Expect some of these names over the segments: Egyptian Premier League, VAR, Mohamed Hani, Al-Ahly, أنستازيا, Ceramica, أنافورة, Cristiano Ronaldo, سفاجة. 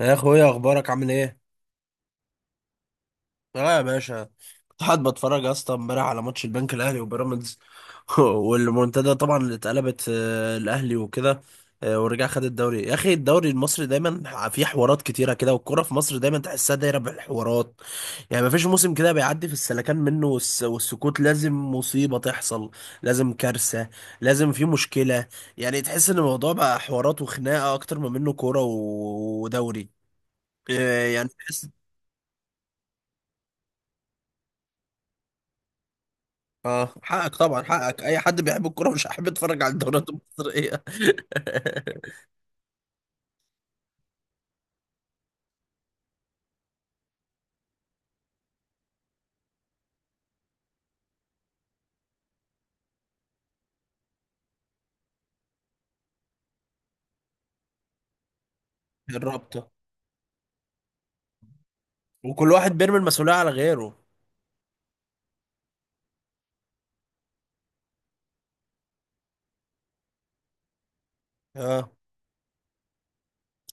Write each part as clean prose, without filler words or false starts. يا اخويا، اخبارك عامل ايه؟ اه يا باشا. كنت قاعد بتفرج يا اسطى امبارح على ماتش البنك الاهلي وبيراميدز. والمنتدى طبعا اللي اتقلبت الاهلي وكده. آه، ورجع خد الدوري يا اخي، الدوري المصري دايما فيه حوارات كتيره كده، والكوره في مصر دايما تحسها دايره بالحوارات. يعني مفيش موسم كده بيعدي في السلكان منه، والسكوت لازم مصيبه تحصل. لازم كارثه. لازم في مشكله. يعني تحس ان الموضوع بقى حوارات وخناقه اكتر ما منه كوره ودوري. آه، يعني. اه، حقك طبعا، حقك اي حد بيحب الكوره مش هيحب يتفرج على الدوريات المصريه. الرابطه، وكل واحد بيرمي المسؤوليه على غيره. اه،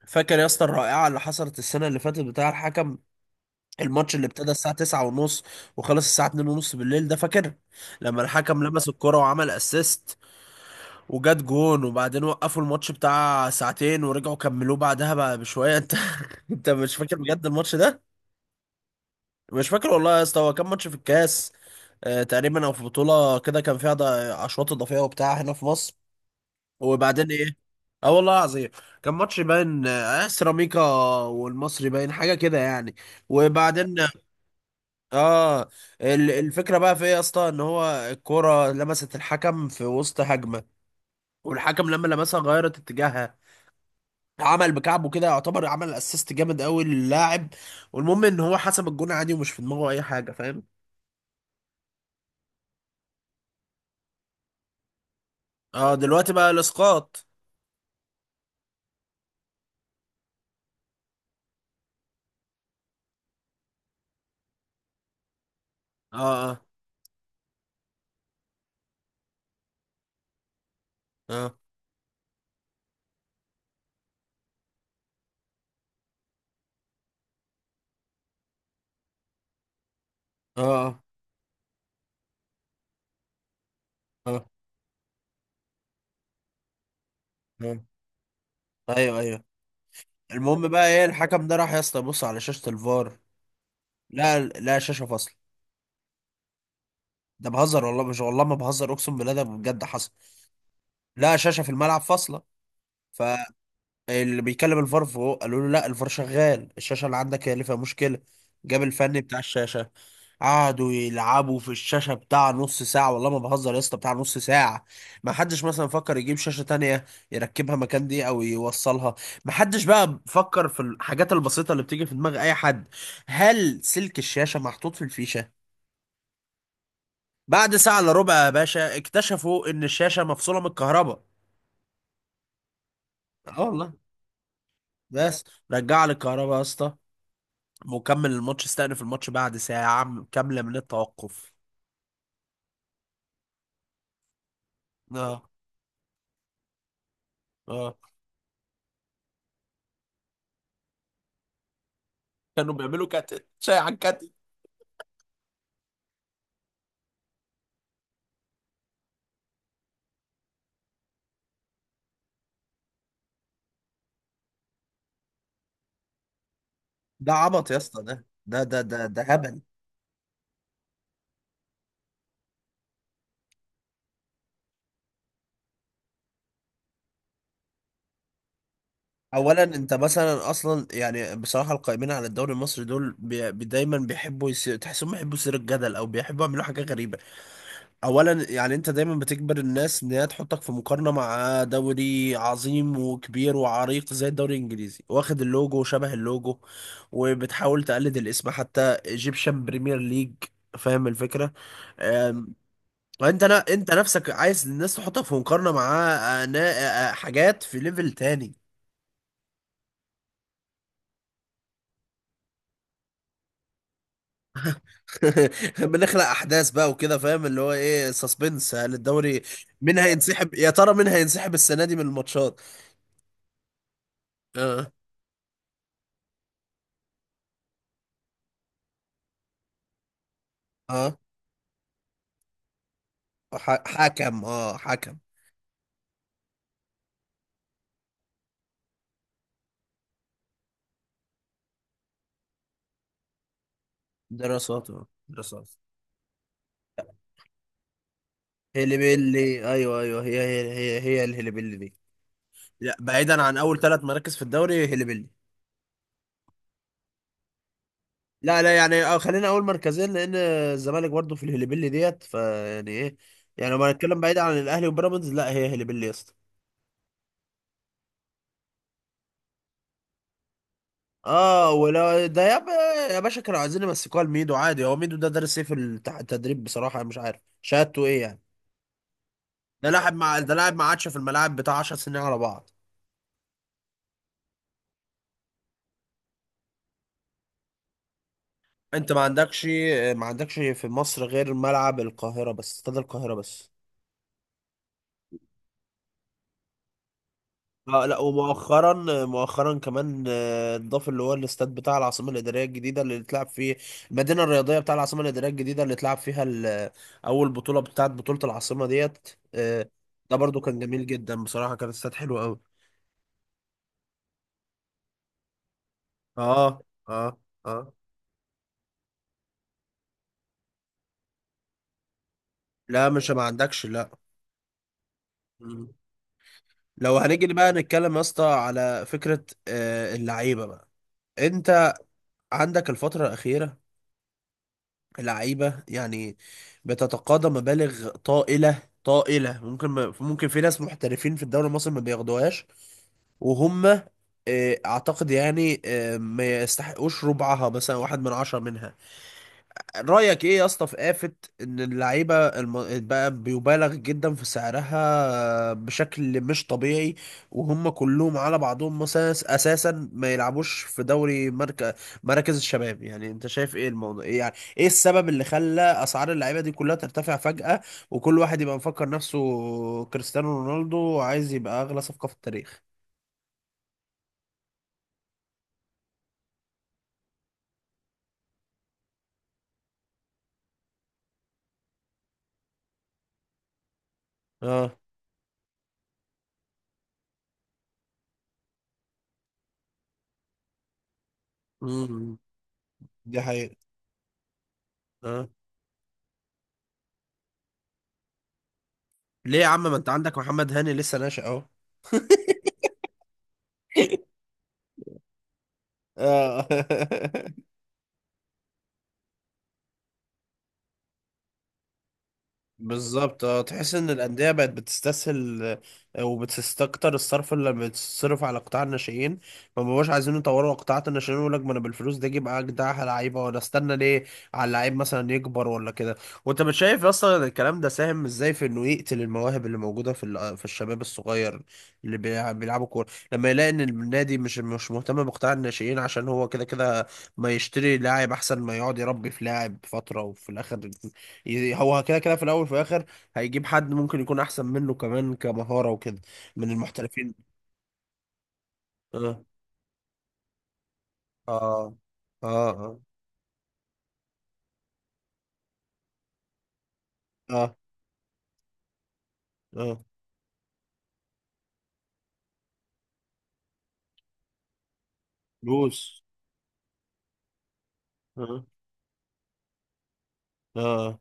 فاكر يا اسطى الرائعه اللي حصلت السنه اللي فاتت بتاع الحكم؟ الماتش اللي ابتدى الساعه 9 ونص وخلص الساعه 2 ونص بالليل، ده فاكر؟ لما الحكم لمس الكوره وعمل اسيست وجات جون، وبعدين وقفوا الماتش بتاع ساعتين ورجعوا كملوه بعدها بقى بشويه. انت، انت مش فاكر بجد الماتش؟ مش فاكر والله يا اسطى، هو كان ماتش في الكاس. تقريبا او في بطوله كده كان فيها اشواط اضافيه وبتاع هنا في مصر، وبعدين ايه. اه والله العظيم، كان ماتش باين سيراميكا والمصري، باين حاجه كده يعني. وبعدين اه، الفكره بقى في ايه يا اسطى؟ ان هو الكوره لمست الحكم في وسط هجمه، والحكم لما لمسها غيرت اتجاهها، عمل بكعبه كده، يعتبر عمل اسيست جامد قوي للاعب. والمهم ان هو حسب الجون عادي، ومش في دماغه اي حاجه، فاهم؟ اه، دلوقتي بقى الاسقاط. اه، اه، اه، اه، اه، اه. آه. ايوه، ايوه. المهم بقى ايه، الحكم ده راح يا اسطى يبص على شاشة الفار. لا لا، شاشة فاصلة. ده بهزر والله، مش والله ما بهزر، اقسم بالله ده بجد حصل. لا، شاشة في الملعب فاصلة. ف اللي بيكلم الفار فوق قالوا له لا، الفار شغال، الشاشه اللي عندك هي اللي فيها مشكله. جاب الفني بتاع الشاشه، قعدوا يلعبوا في الشاشه بتاع نص ساعه، والله ما بهزر يا اسطى، بتاع نص ساعه. ما حدش مثلا فكر يجيب شاشه تانية يركبها مكان دي او يوصلها. ما حدش بقى فكر في الحاجات البسيطه اللي بتيجي في دماغ اي حد، هل سلك الشاشه محطوط في الفيشه؟ بعد ساعه الا ربع يا باشا، اكتشفوا ان الشاشه مفصوله من الكهرباء. اه والله. بس، رجع لي الكهرباء يا اسطى، مكمل الماتش، استأنف الماتش بعد ساعة كاملة من التوقف. اه، اه. كانوا بيعملوا كاتل شاي عن كاتل. ده عبط يا اسطى، ده ده ده ده ده هبل. اولا انت مثلا اصلا يعني بصراحه، القائمين على الدوري المصري دول دايما بيحبوا تحسهم بيحبوا يثيروا الجدل، او بيحبوا يعملوا حاجه غريبه. اولا يعني انت دايما بتجبر الناس ان هي تحطك في مقارنه مع دوري عظيم وكبير وعريق زي الدوري الانجليزي، واخد اللوجو وشبه اللوجو، وبتحاول تقلد الاسم حتى ايجيبشن بريمير ليج، فاهم الفكره؟ أم، وانت لا، انت نفسك عايز الناس تحطك في مقارنه مع حاجات في ليفل تاني. بنخلق احداث بقى وكده، فاهم، اللي هو ايه سسبنس، هل الدوري مين هينسحب؟ يا ترى مين هينسحب السنه دي من الماتشات؟ اه، اه، حكم، حكم. دراسات. هيلبيلي، ايوه ايوه، هي الهيلبيلي دي. لا، بعيدا عن اول ثلاث مراكز في الدوري هيلبيلي. لا لا يعني، خلينا اول مركزين، لان الزمالك برضه في الهيلبيلي ديت، فيعني ايه، يعني لما نتكلم بعيد عن الاهلي وبيراميدز، لا هي هيلبيلي يا اسطى. اه ولا ده يا باشا، كانوا عايزين يمسكوها لميدو عادي، هو ميدو ده دارس ايه في التدريب؟ بصراحه أنا مش عارف شهادته ايه يعني. ده لاعب مع عادشه في الملاعب بتاع 10 سنين على بعض. انت ما عندكش، ما عندكش في مصر غير ملعب القاهرة بس، استاد القاهرة بس. اه، لا، ومؤخرا مؤخرا كمان اتضاف اللي هو الاستاد بتاع العاصمة الإدارية الجديدة اللي اتلعب فيه، المدينة الرياضية بتاع العاصمة الإدارية الجديدة اللي اتلعب فيها أول بطولة بتاعت بطولة العاصمة ديت. آه، ده برضو كان جميل جدا بصراحة، كان استاد حلو قوي. اه، اه، اه، لا مش ما عندكش لا. مم. لو هنيجي بقى نتكلم يا اسطى على فكرة اللعيبة بقى، انت عندك الفترة الأخيرة لعيبة يعني بتتقاضى مبالغ طائلة طائلة، ممكن ما ممكن في ناس محترفين في الدوري المصري ما بياخدوهاش، وهم اعتقد يعني ما يستحقوش ربعها، مثلا واحد من عشرة منها. رأيك ايه يا اسطى في آفة ان اللعيبة بقى بيبالغ جدا في سعرها بشكل مش طبيعي، وهم كلهم على بعضهم مثلا اساسا ما يلعبوش في دوري مراكز الشباب، يعني انت شايف ايه الموضوع، إيه يعني ايه السبب اللي خلى اسعار اللعيبة دي كلها ترتفع فجأة، وكل واحد يبقى مفكر نفسه كريستيانو رونالدو وعايز يبقى اغلى صفقة في التاريخ؟ اه، امم، دي حقيقة. اه، ليه يا عم، ما انت عندك محمد هاني لسه ناشئ اهو. اه. بالظبط. اه، تحس ان الانديه بقت بتستسهل وبتستكتر الصرف اللي بتصرف على قطاع الناشئين. ما بقوش عايزين يطوروا قطاعات الناشئين، يقول لك ما انا بالفلوس دي اجيب اجدع لعيبه، ولا استنى ليه على اللعيب مثلا يكبر ولا كده. وانت مش شايف اصلا الكلام ده ساهم ازاي في انه يقتل المواهب اللي موجوده في الشباب الصغير اللي بيلعبوا كوره، لما يلاقي ان النادي مش مهتم بقطاع الناشئين عشان هو كده كده، ما يشتري لاعب احسن ما يقعد يربي في لاعب فتره، وفي الاخر هو كده كده، في الاول وفي الاخر هيجيب حد ممكن يكون احسن منه كمان كمهارة وكده، من المحترفين. اه، اه، اه، اه، اه، آه، فلوس، اه، اه،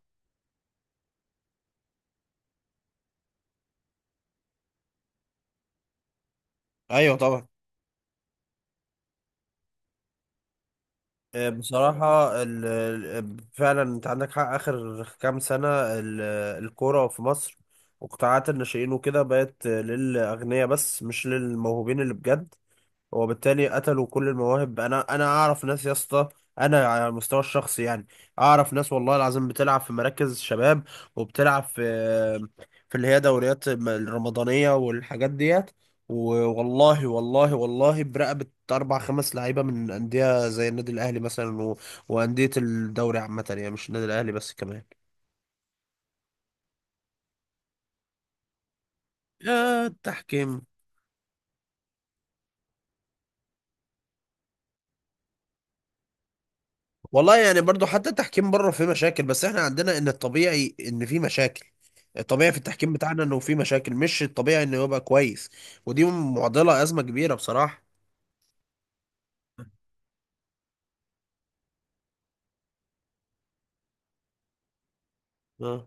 ايوه طبعا. آه، بصراحة فعلا انت عندك حق، اخر كام سنة ال... الكورة في مصر وقطاعات الناشئين وكده بقت للاغنياء بس، مش للموهوبين اللي بجد، وبالتالي قتلوا كل المواهب. انا اعرف ناس يا اسطى، انا على المستوى الشخصي يعني اعرف ناس والله العظيم بتلعب في مراكز شباب، وبتلعب في اللي هي دوريات الرمضانية والحاجات ديت، والله والله والله برقبة أربع خمس لعيبة من أندية زي النادي الأهلي مثلا وأندية الدوري عامة يعني، مش النادي الأهلي بس كمان. يا التحكيم، والله يعني برضو حتى التحكيم بره فيه مشاكل، بس احنا عندنا ان الطبيعي ان فيه مشاكل، الطبيعي في التحكيم بتاعنا انه فيه مشاكل، مش الطبيعي انه يبقى كويس. ودي معضلة، ازمة كبيرة بصراحة. اه،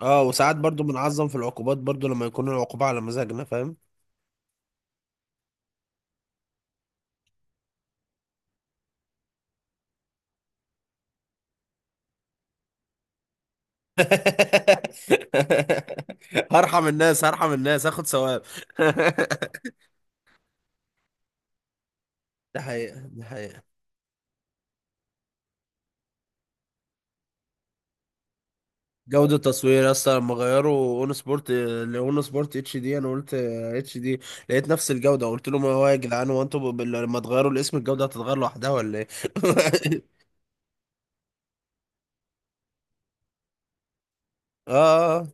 اه، وساعات برضو بنعظم في العقوبات برضو لما يكون العقوبة على مزاجنا، فاهم؟ هرحم الناس، هرحم الناس، هاخد ثواب. ده حقيقة، ده حقيقة. جودة تصوير يا اسطى لما غيروا اون سبورت لاون سبورت اتش دي، انا قلت اتش دي، لقيت نفس الجودة، قلت لهم هو يا جدعان، هو انتوا لما تغيروا الاسم الجودة هتتغير لوحدها ولا ايه؟ اه، آه.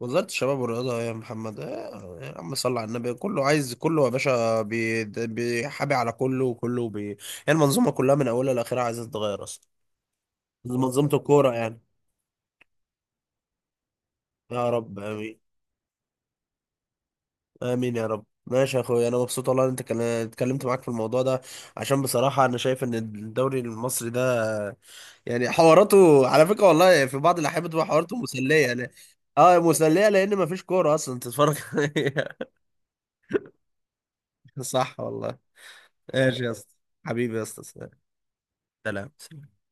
وزارة الشباب والرياضة يا محمد، آه يا عم صل على النبي، كله عايز كله يا باشا، بيحابي على كله، وكله يعني المنظومة كلها من أولها لآخرها عايزة تتغير أصلا، منظومة الكورة يعني. يا رب آمين. امين يا رب. ماشي يا اخويا، انا مبسوط والله ان انت اتكلمت معاك في الموضوع ده، عشان بصراحه انا شايف ان الدوري المصري ده يعني حواراته على فكره والله في بعض الاحيان بتبقى حواراته مسليه، لا، اه مسليه لان مفيش كوره اصلا تتفرج عليها. صح والله. ماشي يا اسطى، حبيبي يا اسطى، سلام. سلام.